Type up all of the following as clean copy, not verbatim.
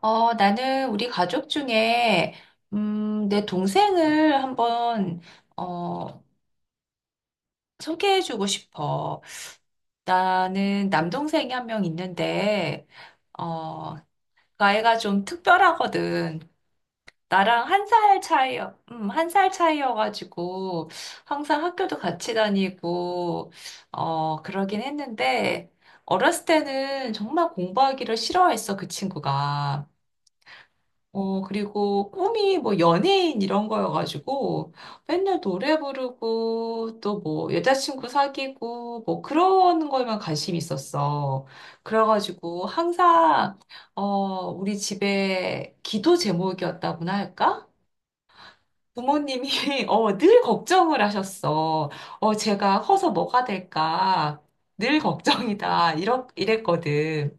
나는 우리 가족 중에, 내 동생을 한번, 어, 소개해주고 싶어. 나는 남동생이 한 명 있는데, 어, 그 아이가 좀 특별하거든. 나랑 한 살 차이, 한 살 차이여가지고, 항상 학교도 같이 다니고, 그러긴 했는데, 어렸을 때는 정말 공부하기를 싫어했어, 그 친구가. 그리고 꿈이 뭐 연예인 이런 거여가지고 맨날 노래 부르고 또 뭐 여자친구 사귀고 뭐 그런 거에만 관심이 있었어. 그래가지고 항상, 어, 우리 집에 기도 제목이었다고나 할까? 부모님이 늘 걱정을 하셨어. 제가 커서 뭐가 될까? 늘 걱정이다. 이랬거든.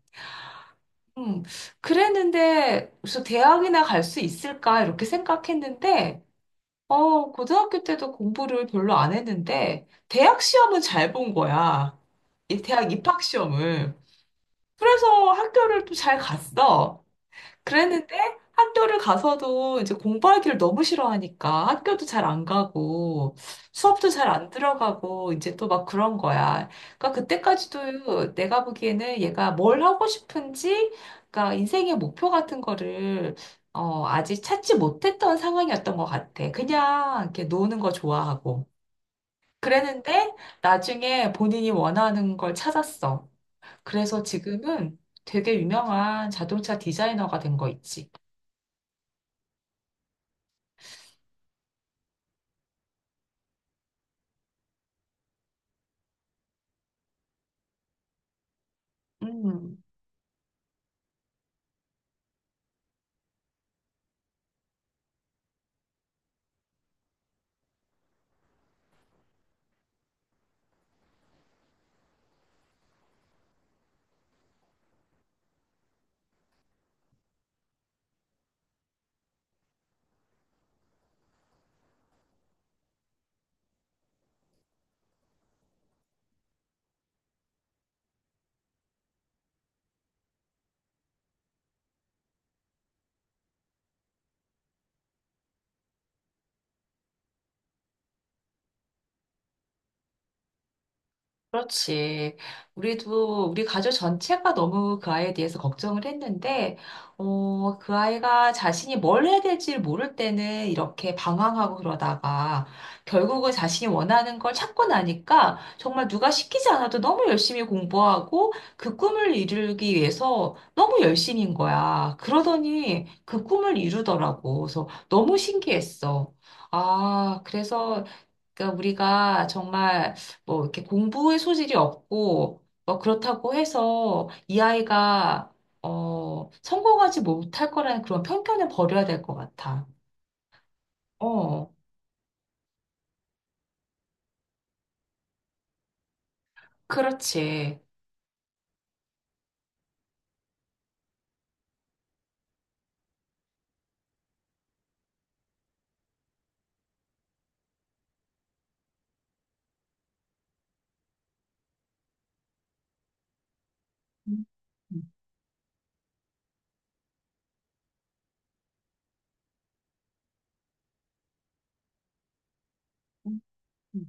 음, 그랬는데, 그래서 대학이나 갈 수 있을까? 이렇게 생각했는데, 고등학교 때도 공부를 별로 안 했는데, 대학 시험은 잘 본 거야. 이 대학 입학 시험을. 그래서 학교를 또 잘 갔어. 그랬는데 학교를 가서도 이제 공부하기를 너무 싫어하니까 학교도 잘 안 가고 수업도 잘 안 들어가고 이제 또 막 그런 거야. 그러니까 그때까지도 내가 보기에는 얘가 뭘 하고 싶은지, 그러니까 인생의 목표 같은 거를 아직 찾지 못했던 상황이었던 것 같아. 그냥 이렇게 노는 거 좋아하고. 그랬는데 나중에 본인이 원하는 걸 찾았어. 그래서 지금은 되게 유명한 자동차 디자이너가 된 거 있지. 음, 그렇지. 우리도 우리 가족 전체가 너무 그 아이에 대해서 걱정을 했는데, 그 아이가 자신이 뭘 해야 될지 를 모를 때는 이렇게 방황하고 그러다가 결국은 자신이 원하는 걸 찾고 나니까 정말 누가 시키지 않아도 너무 열심히 공부하고 그 꿈을 이루기 위해서 너무 열심인 거야. 그러더니 그 꿈을 이루더라고. 그래서 너무 신기했어. 아, 그래서 그러니까 우리가 정말 뭐 이렇게 공부의 소질이 없고 뭐 그렇다고 해서 이 아이가 성공하지 못할 거라는 그런 편견을 버려야 될 것 같아. 어, 그렇지. 음, 음, 음.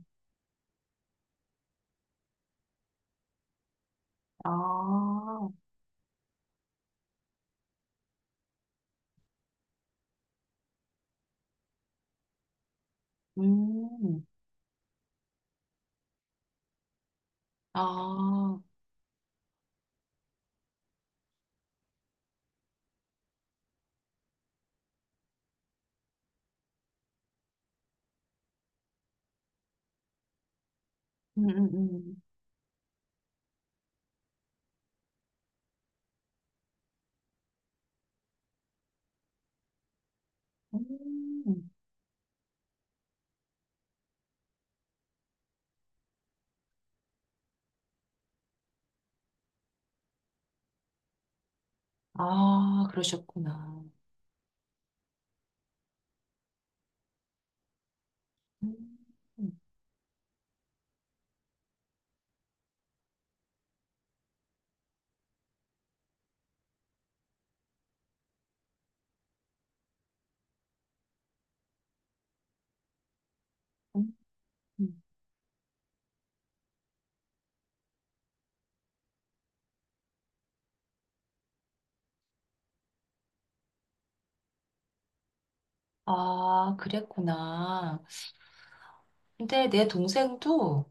아, 음, 아, 음, 음, 음, 음. 아, 그러셨구나. 음, 음, 음. 아, 그랬구나. 근데 내 동생도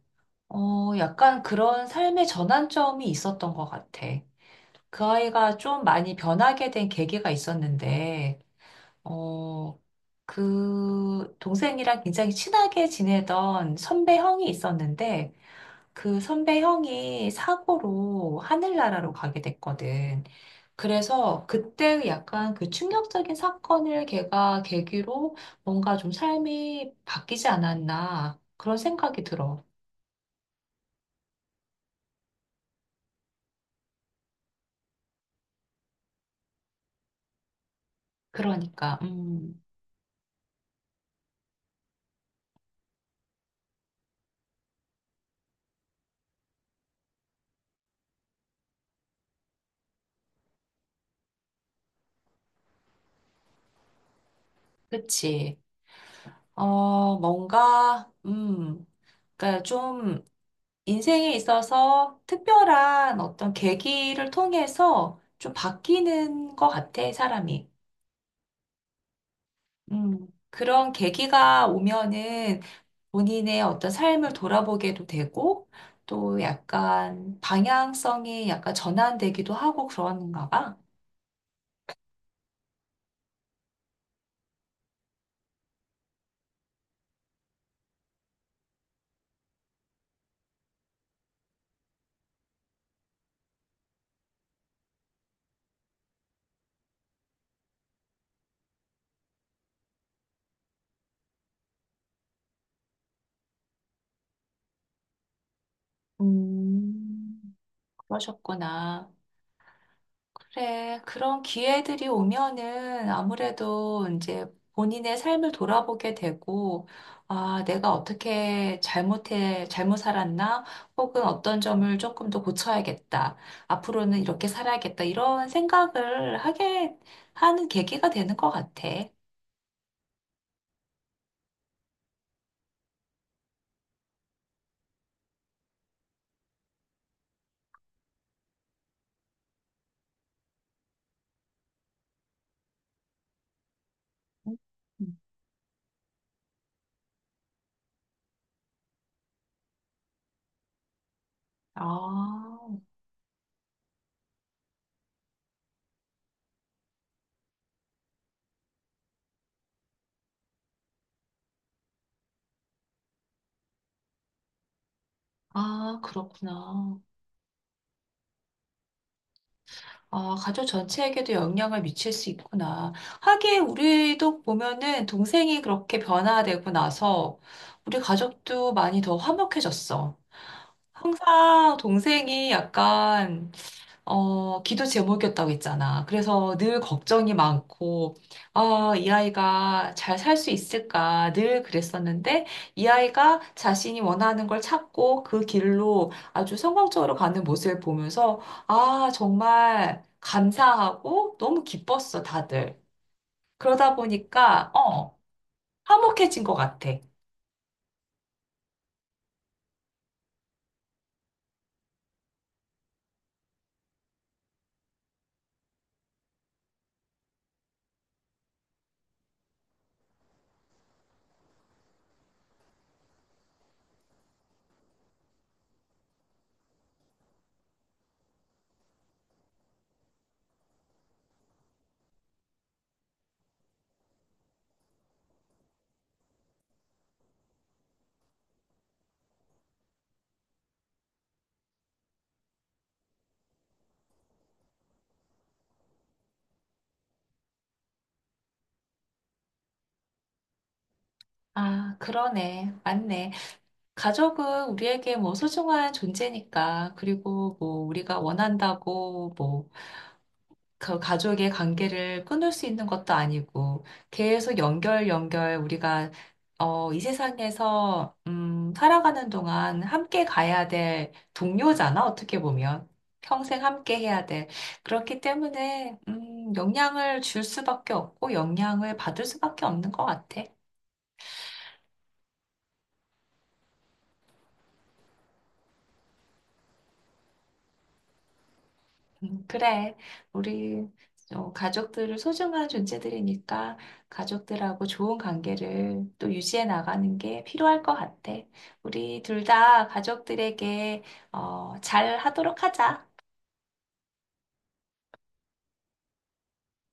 약간 그런 삶의 전환점이 있었던 것 같아. 그 아이가 좀 많이 변하게 된 계기가 있었는데, 어, 그 동생이랑 굉장히 친하게 지내던 선배 형이 있었는데, 그 선배 형이 사고로 하늘나라로 가게 됐거든. 그래서 그때 약간 그 충격적인 사건을 걔가 계기로 뭔가 좀 삶이 바뀌지 않았나 그런 생각이 들어. 그러니까, 그치. 어, 뭔가, 음, 그러니까 좀 인생에 있어서 특별한 어떤 계기를 통해서 좀 바뀌는 것 같아, 사람이. 그런 계기가 오면은 본인의 어떤 삶을 돌아보게도 되고, 또 약간 방향성이 약간 전환되기도 하고 그런가 봐. 음, 그러셨구나. 그래, 그런 기회들이 오면은 아무래도 이제 본인의 삶을 돌아보게 되고, 아, 내가 잘못 살았나? 혹은 어떤 점을 조금 더 고쳐야겠다. 앞으로는 이렇게 살아야겠다. 이런 생각을 하게 하는 계기가 되는 것 같아. 음. 아, 아, 그렇구나. 아, 가족 전체에게도 영향을 미칠 수 있구나. 하긴 우리도 보면은 동생이 그렇게 변화되고 나서 우리 가족도 많이 더 화목해졌어. 항상 동생이 약간 기도 제목이었다고 했잖아. 그래서 늘 걱정이 많고, 아, 이 아이가 잘 살 수 있을까 늘 그랬었는데, 이 아이가 자신이 원하는 걸 찾고 그 길로 아주 성공적으로 가는 모습을 보면서, 아, 정말 감사하고 너무 기뻤어, 다들. 그러다 보니까, 화목해진 것 같아. 아, 그러네. 맞네. 가족은 우리에게 뭐 소중한 존재니까, 그리고 뭐 우리가 원한다고 뭐 그 가족의 관계를 끊을 수 있는 것도 아니고 계속 연결 우리가 이 세상에서 살아가는 동안 함께 가야 될 동료잖아, 어떻게 보면 평생 함께 해야 돼. 그렇기 때문에 영향을 줄 수밖에 없고 영향을 받을 수밖에 없는 것 같아. 그래. 우리 가족들을 소중한 존재들이니까 가족들하고 좋은 관계를 또 유지해 나가는 게 필요할 것 같아. 우리 둘 다 가족들에게 잘 하도록 하자.